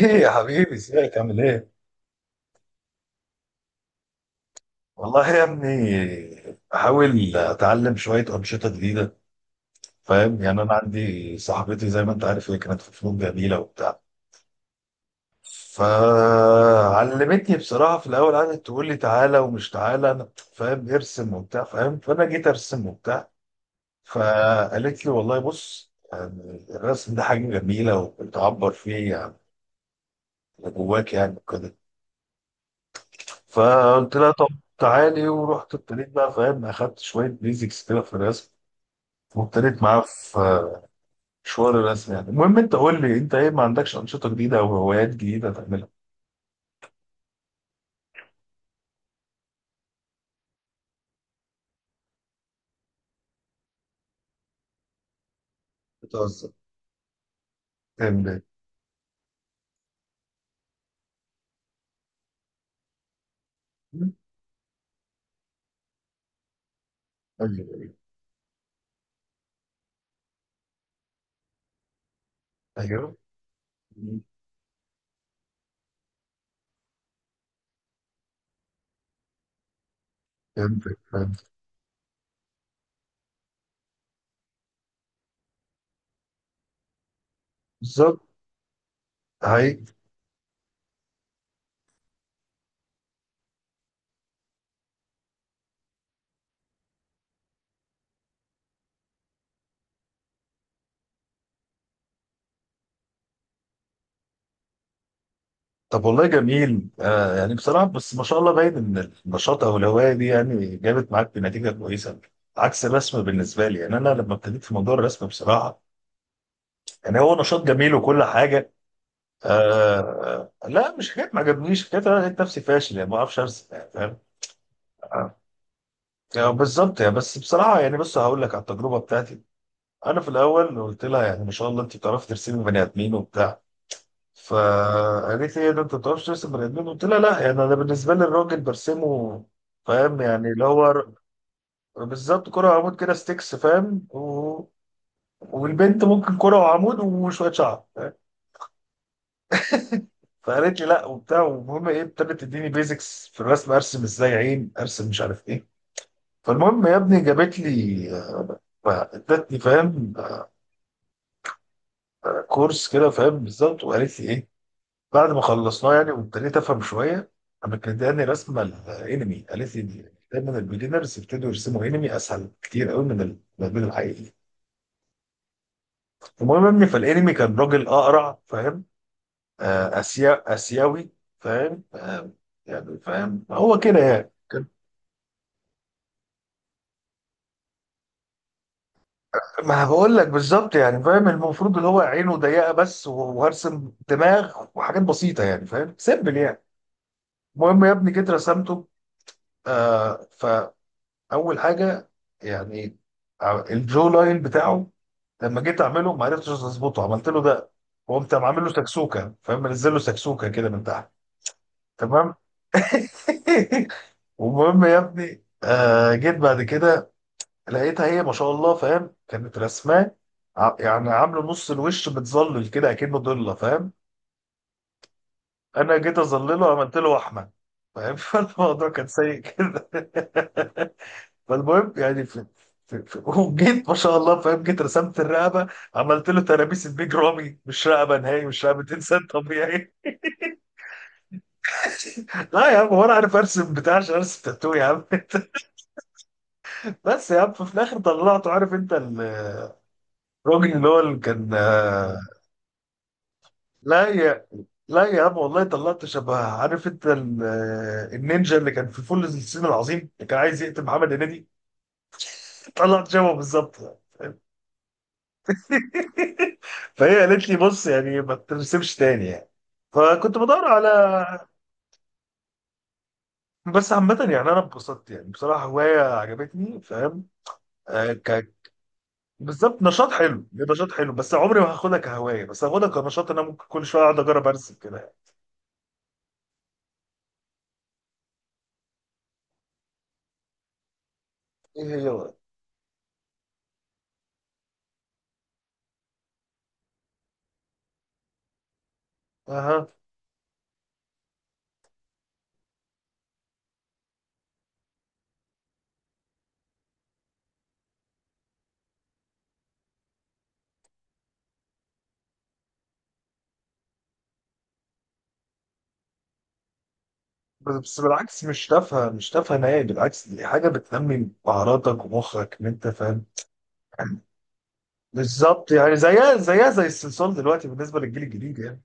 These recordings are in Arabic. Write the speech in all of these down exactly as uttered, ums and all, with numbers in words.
ايه يا حبيبي، ازيك؟ عامل ايه؟ والله يا ابني، بحاول اتعلم شويه انشطه جديده. فاهم يعني، انا عندي صاحبتي زي ما انت عارف، هي كانت في فنون جميله وبتاع. فعلمتني بصراحه. في الاول قعدت تقول لي تعالى ومش تعالى، انا فاهم ارسم وبتاع فاهم، فانا جيت ارسم وبتاع. فقالت لي والله بص، يعني الرسم ده حاجه جميله وبتعبر فيه يعني اللي جواك يعني وكده. فقلت لها طب تعالي، ورحت ابتديت بقى فاهم، اخدت شويه بيزكس كده في الرسم، وابتديت معاه في مشوار الرسم. يعني المهم، انت قول لي انت ايه، ما عندكش انشطه جديده او هوايات جديده تعملها؟ بتهزر. تعمل ايه؟ ايوه، ايوه. فهمتك، فهمت. بالظبط. هاي. طب والله جميل، آه يعني بصراحه، بس ما شاء الله، باين ان النشاط او الهوايه دي يعني جابت معاك بنتيجه كويسه عكس الرسم بالنسبه لي. يعني انا لما ابتديت في موضوع الرسم بصراحه، يعني هو نشاط جميل وكل حاجه. آه لا، مش حكايه ما عجبنيش، حكايه انا لقيت نفسي فاشل، يعني ما اعرفش ارسم يعني فاهم. آه. يعني بالظبط يعني، بس بصراحه يعني، بص هقول لك على التجربه بتاعتي. انا في الاول قلت لها يعني ما شاء الله انت بتعرفي ترسمي بني ادمين وبتاع. فقالت لي إيه ده، انت ما بتعرفش ترسم بني ادمين؟ قلت لها لا، يعني انا بالنسبه لي الراجل برسمه فاهم، يعني اللي هو ر- بالظبط كرة وعمود كده ستيكس فاهم و... والبنت ممكن كرة وعمود وشوية شعر. فقالت لي لا وبتاع، والمهم ايه، ابتدت تديني بيزكس في الرسم، ارسم ازاي عين، ارسم مش عارف ايه. فالمهم يا ابني، جابت لي، ادتني فاهم كورس كده فاهم بالظبط، وقالت لي ايه، بعد ما خلصناه يعني وابتديت افهم شويه، قامت مدياني رسمه الانمي، قالت لي دي- دايما البيجنرز يبتدوا يرسموا انمي، اسهل كتير قوي من المدمن الحقيقي. المهم يا ابني، فالانمي كان راجل اقرع فاهم، آه، اسيا اسيوي فاهم، آه، يعني فاهم هو كده يعني. ما بقول لك بالظبط يعني فاهم، المفروض اللي هو عينه ضيقه بس، و- وهرسم دماغ وحاجات بسيطه يعني فاهم سيمبل يعني. المهم يا ابني جيت رسمته. آه. فاول حاجه يعني، ع- الجو لاين بتاعه، لما جيت اعمله ما عرفتش اظبطه، عملت له ده، وقمت عامل له سكسوكه فاهم، منزل له سكسوكه كده من تحت. تمام. المهم يا ابني، آه، جيت بعد كده لقيتها هي ما شاء الله فاهم كانت رسماه، ع- يعني عامله نص الوش متظلل كده اكنه ضله فاهم. انا جيت اظلله، عملت له وحمه فاهم. فالموضوع كان سيء كده. فالمهم يعني في في في وجيت ما شاء الله فاهم، جيت رسمت الرقبه، عملت له ترابيس البيج رامي، مش رقبه نهائي، مش رقبه انسان طبيعي. لا يا عم، هو انا عارف ارسم بتاع عشان ارسم تاتو يا عم؟ بس يا عم، ففي الاخر طلعته، عارف انت ال- الراجل اللي هو اللي كان. لا يا لا يا عم والله، طلعت شبه، عارف انت ال- النينجا اللي كان في فول الصين العظيم، اللي كان عايز يقتل محمد هنيدي. طلعت شبهه بالظبط يعني. فهي قالت لي بص، يعني ما ترسمش تاني يعني. فكنت بدور على، بس عامة يعني انا اتبسطت، يعني بصراحة هواية عجبتني فاهم. آه ك... بالظبط، نشاط حلو، نشاط حلو، بس عمري ما هاخدها كهواية، بس هاخدها كنشاط، إن انا ممكن كل شوية اقعد اجرب ارسم كده يعني. ايه هي بقى؟ أها. بس بس بالعكس، مش تافهه، مش تافهه نهائي، بالعكس دي حاجه بتنمي مهاراتك ومخك، ان انت فاهم. بالظبط يعني، زيها، زيها زي الصلصال دلوقتي بالنسبه للجيل الجديد يعني.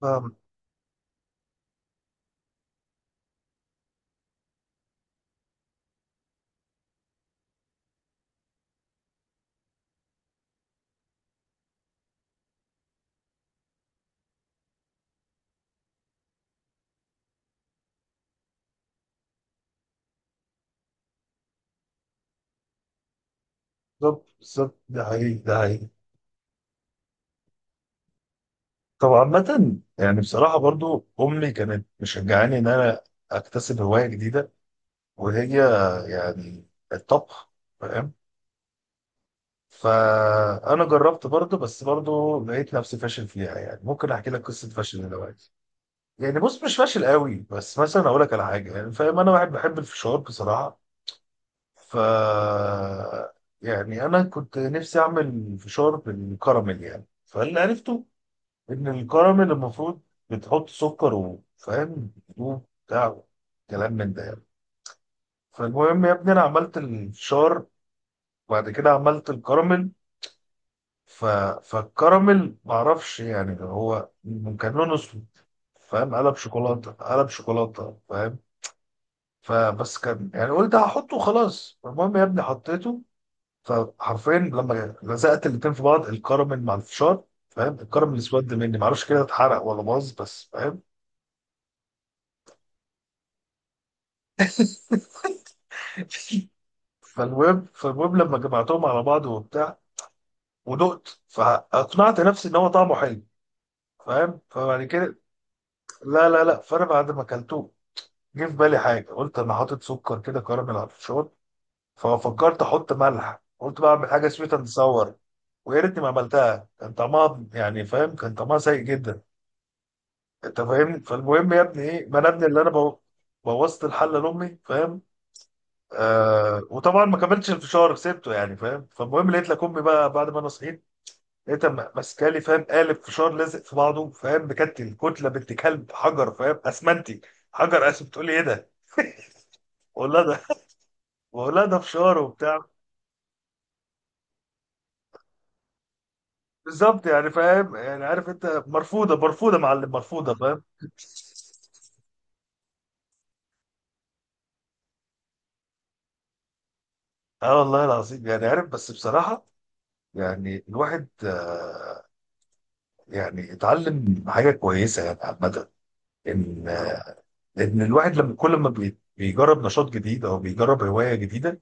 فاهم؟ بالظبط، بالظبط، ده حقيقي، ده حقيقي. طب عامة يعني بصراحة، برضو أمي كانت مشجعاني إن أنا أكتسب هواية جديدة، وهي يعني الطبخ فاهم. فأنا جربت برضو، بس برضو لقيت نفسي فاشل فيها، يعني ممكن أحكي لك قصة فشل دلوقتي. يعني بص، مش فاشل قوي، بس مثلا اقول لك على حاجه، يعني فاهم انا واحد بحب الفشار بصراحه. ف يعني انا كنت نفسي اعمل فشار بالكراميل، يعني فاللي عرفته ان الكراميل المفروض بتحط سكر وفاهم بتدوب بتاع، كلام من ده يعني. فالمهم يا ابني، انا عملت الفشار، وبعد كده عملت الكراميل. ف... فالكراميل معرفش، يعني هو كان لونه اسود فاهم، قلب شوكولاته قلب شوكولاته فاهم. فبس كان يعني، قلت هحطه خلاص، المهم يا ابني حطيته. فحرفيا لما لزقت الاتنين في بعض الكراميل مع الفشار، فاهم الكراميل اسود مني، معرفش كده اتحرق ولا باظ بس فاهم. فالمهم فالمهم لما جمعتهم على بعض وبتاع، ودقت، فاقنعت نفسي ان هو طعمه حلو فاهم. فبعد كده، لا لا لا فانا بعد ما اكلته جه في بالي حاجه، قلت انا حاطط سكر كده كراميل على الفشار، ففكرت احط ملح، قلت بقى اعمل حاجه سويت اند. ويا ريتني ما عملتها، كان طعمها يعني فاهم، كان طعمها سيء جدا. انت فاهمني، فالمهم يا ابني ايه، ما انا ابني اللي انا بو- بوظت الحله لامي فاهم. آه، وطبعا ما كملتش الفشار، سبته يعني فاهم. فالمهم لقيت لك امي بقى بعد ما انا صحيت، لقيتها م- ماسكالي فاهم، قالب فشار لازق في بعضه فاهم، بكتل، كتله بنت كلب، حجر فاهم، اسمنتي، حجر اسود. تقول لي ايه ده؟ بقول لها ده، بقول لها ده فشار وبتاع. بالظبط يعني فاهم، يعني عارف انت، مرفوضه، مرفوضه معلم، مرفوضه فاهم. اه والله العظيم يعني عارف، بس بصراحة يعني الواحد، آه، يعني اتعلم حاجة كويسة يعني عامة، ان ان الواحد لما كل ما بي- بيجرب نشاط جديد او بيجرب هواية جديدة،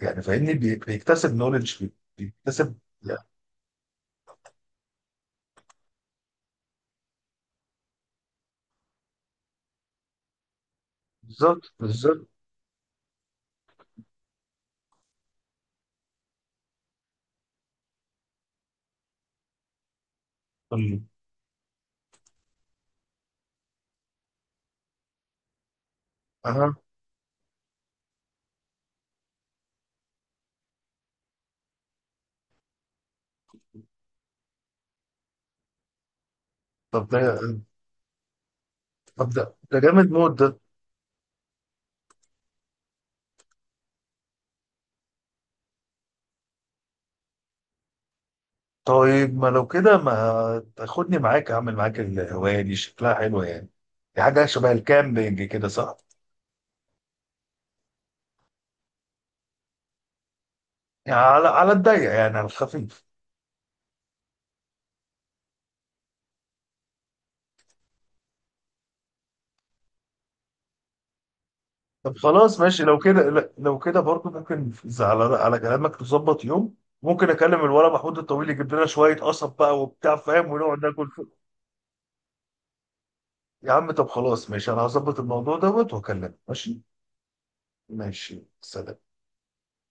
يعني فاهمني، بي- بيكتسب نولج، بيكتسب يعني. بالظبط، بالظبط. طيب. اه. طب ده طب ده ده جامد موت ده. طيب، ما لو كده ما تاخدني معاك؟ اعمل معاك الهواية دي، شكلها حلوة يعني. دي حاجة شبه الكامبينج كده، صح؟ يعني على على الضيق يعني، على الخفيف. طب خلاص ماشي، لو كده لا، لو كده برضه ممكن ز- على على كلامك تظبط يوم، ممكن اكلم الولد محمود الطويل يجيب لنا شويه قصب بقى وبتاع فاهم، ونقعد ناكل فوق. يا عم طب خلاص ماشي، انا هظبط الموضوع دوت واكلمك. ماشي. ماشي، سلام.